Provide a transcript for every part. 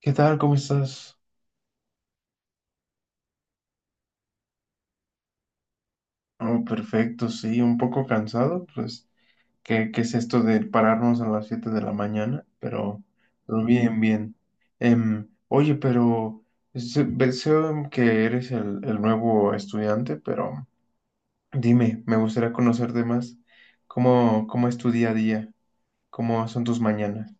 ¿Qué tal? ¿Cómo estás? Oh, perfecto, sí, un poco cansado, pues, ¿qué es esto de pararnos a las 7 de la mañana? Pero bien, bien. Oye, pero veo que eres el nuevo estudiante, pero dime, me gustaría conocerte más. ¿Cómo es tu día a día? ¿Cómo son tus mañanas?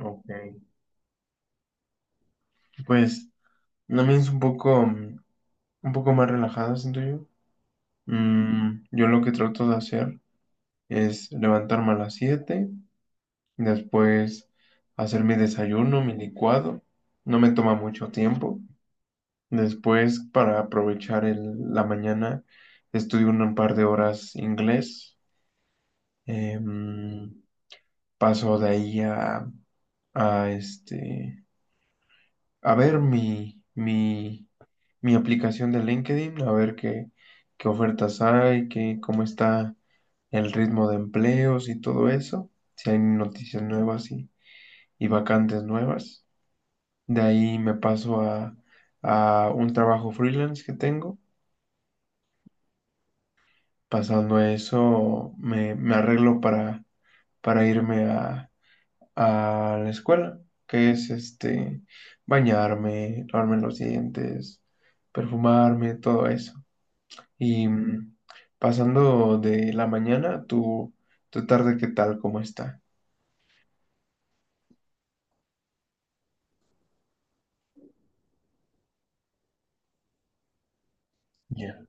Ok, pues, la mía es un poco más relajada, siento yo. Yo lo que trato de hacer es levantarme a las 7, después hacer mi desayuno, mi licuado, no me toma mucho tiempo. Después, para aprovechar la mañana, estudio un par de horas inglés. Em, Paso de ahí a, este, a ver mi aplicación de LinkedIn, a ver qué ofertas hay, cómo está el ritmo de empleos y todo eso, si hay noticias nuevas y vacantes nuevas. De ahí me paso a un trabajo freelance que tengo. Pasando a eso, me arreglo para irme a la escuela, que es este, bañarme, lavarme los dientes, perfumarme, todo eso. Y pasando de la mañana, tu tarde, ¿qué tal? ¿Cómo está? Ya.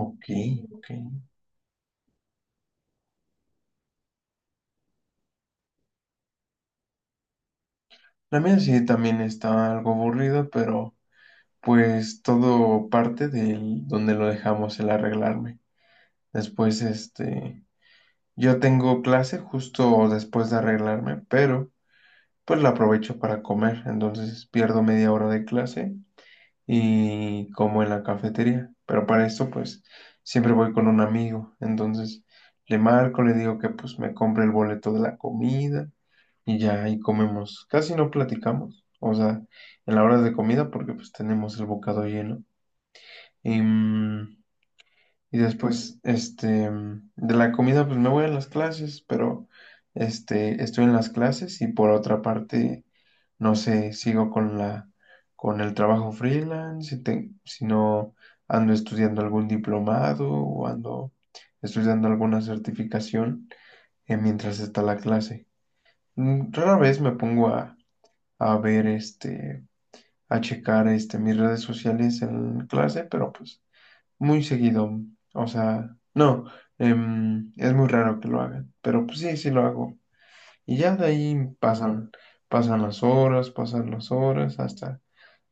Ok, ok. La mía sí también está algo aburrida, pero pues todo parte de donde lo dejamos, el arreglarme. Después, este, yo tengo clase justo después de arreglarme, pero pues la aprovecho para comer. Entonces pierdo media hora de clase y como en la cafetería. Pero para esto, pues siempre voy con un amigo. Entonces le marco, le digo que pues me compre el boleto de la comida y ya ahí comemos. Casi no platicamos. O sea, en la hora de comida porque pues tenemos el bocado lleno. Em, y después, este, de la comida, pues me voy a las clases, pero este, estoy en las clases y por otra parte, no sé, sigo con con el trabajo freelance, si no ando estudiando algún diplomado o ando estudiando alguna certificación, mientras está la clase. Rara vez me pongo a ver este, a checar este, mis redes sociales en clase, pero pues muy seguido. O sea, no, es muy raro que lo hagan, pero pues sí, sí lo hago. Y ya de ahí pasan las horas hasta,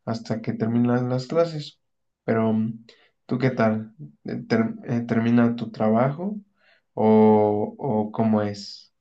hasta que terminan las clases. Pero, ¿tú qué tal? ¿Termina tu trabajo o cómo es?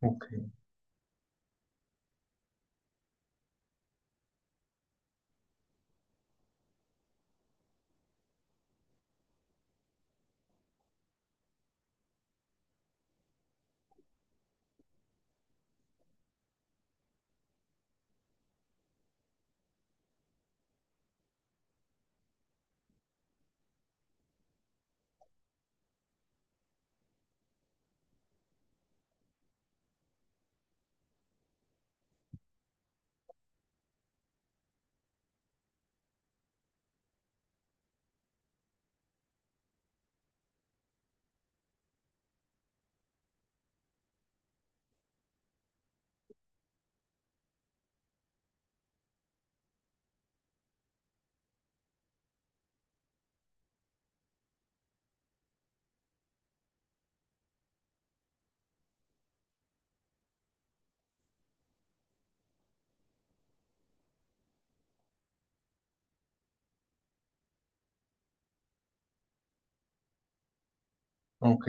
Ok, ok,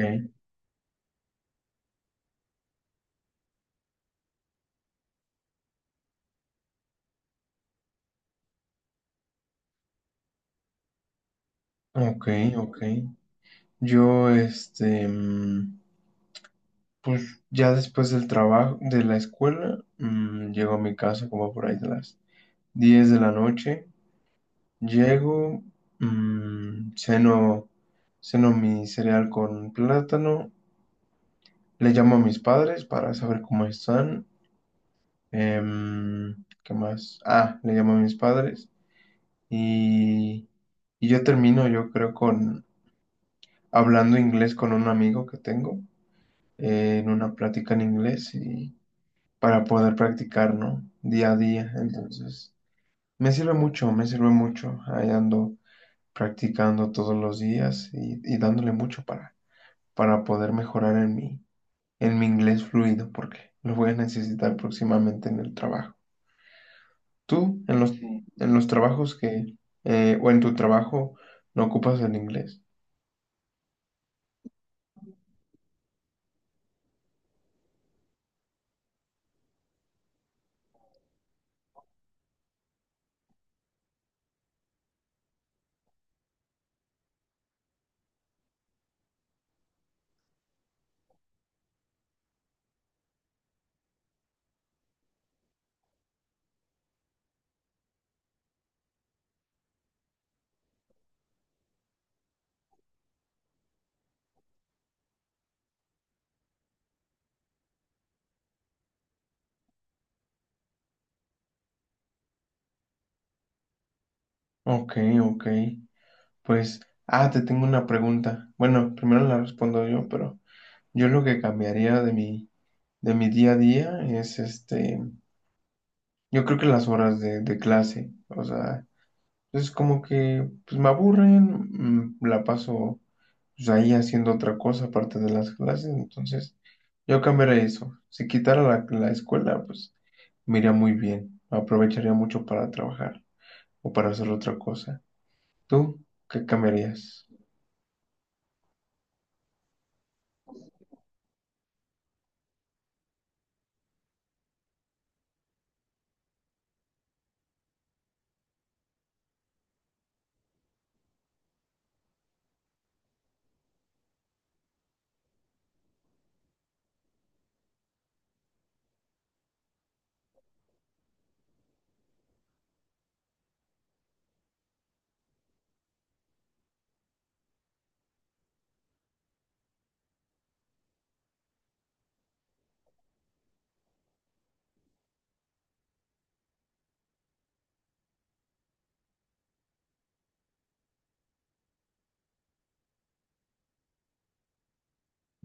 ok, ok. Yo, este, pues ya después del trabajo, de la escuela, llego a mi casa como por ahí de las 10 de la noche, llego, ceno, ceno mi cereal con plátano, le llamo a mis padres para saber cómo están, ¿qué más? Ah, le llamo a mis padres y, y yo termino, yo creo, con hablando inglés con un amigo que tengo, en una plática en inglés y para poder practicar, ¿no? Día a día, entonces me sirve mucho, ahí ando practicando todos los días y dándole mucho para, poder mejorar en mi, inglés fluido, porque lo voy a necesitar próximamente en el trabajo. ¿Tú en los, sí, en los trabajos que, o en tu trabajo, no ocupas el inglés? Ok, ok. Pues, ah, te tengo una pregunta. Bueno, primero la respondo yo, pero yo lo que cambiaría de mi día a día es este, yo creo que las horas de clase, o sea. Entonces, como que pues, me aburren, la paso pues, ahí haciendo otra cosa aparte de las clases. Entonces, yo cambiaría eso. Si quitara la escuela, pues me iría muy bien. Aprovecharía mucho para trabajar o para hacer otra cosa. ¿Tú qué cambiarías?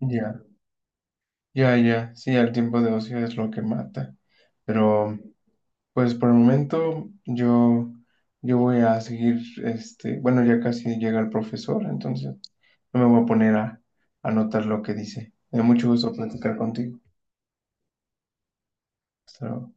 Ya, ya, ya. Sí, el tiempo de ocio es lo que mata. Pero, pues por el momento, yo voy a seguir, este, bueno, ya casi llega el profesor, entonces. No me voy a poner a anotar lo que dice. Me da mucho gusto platicar contigo. Hasta luego.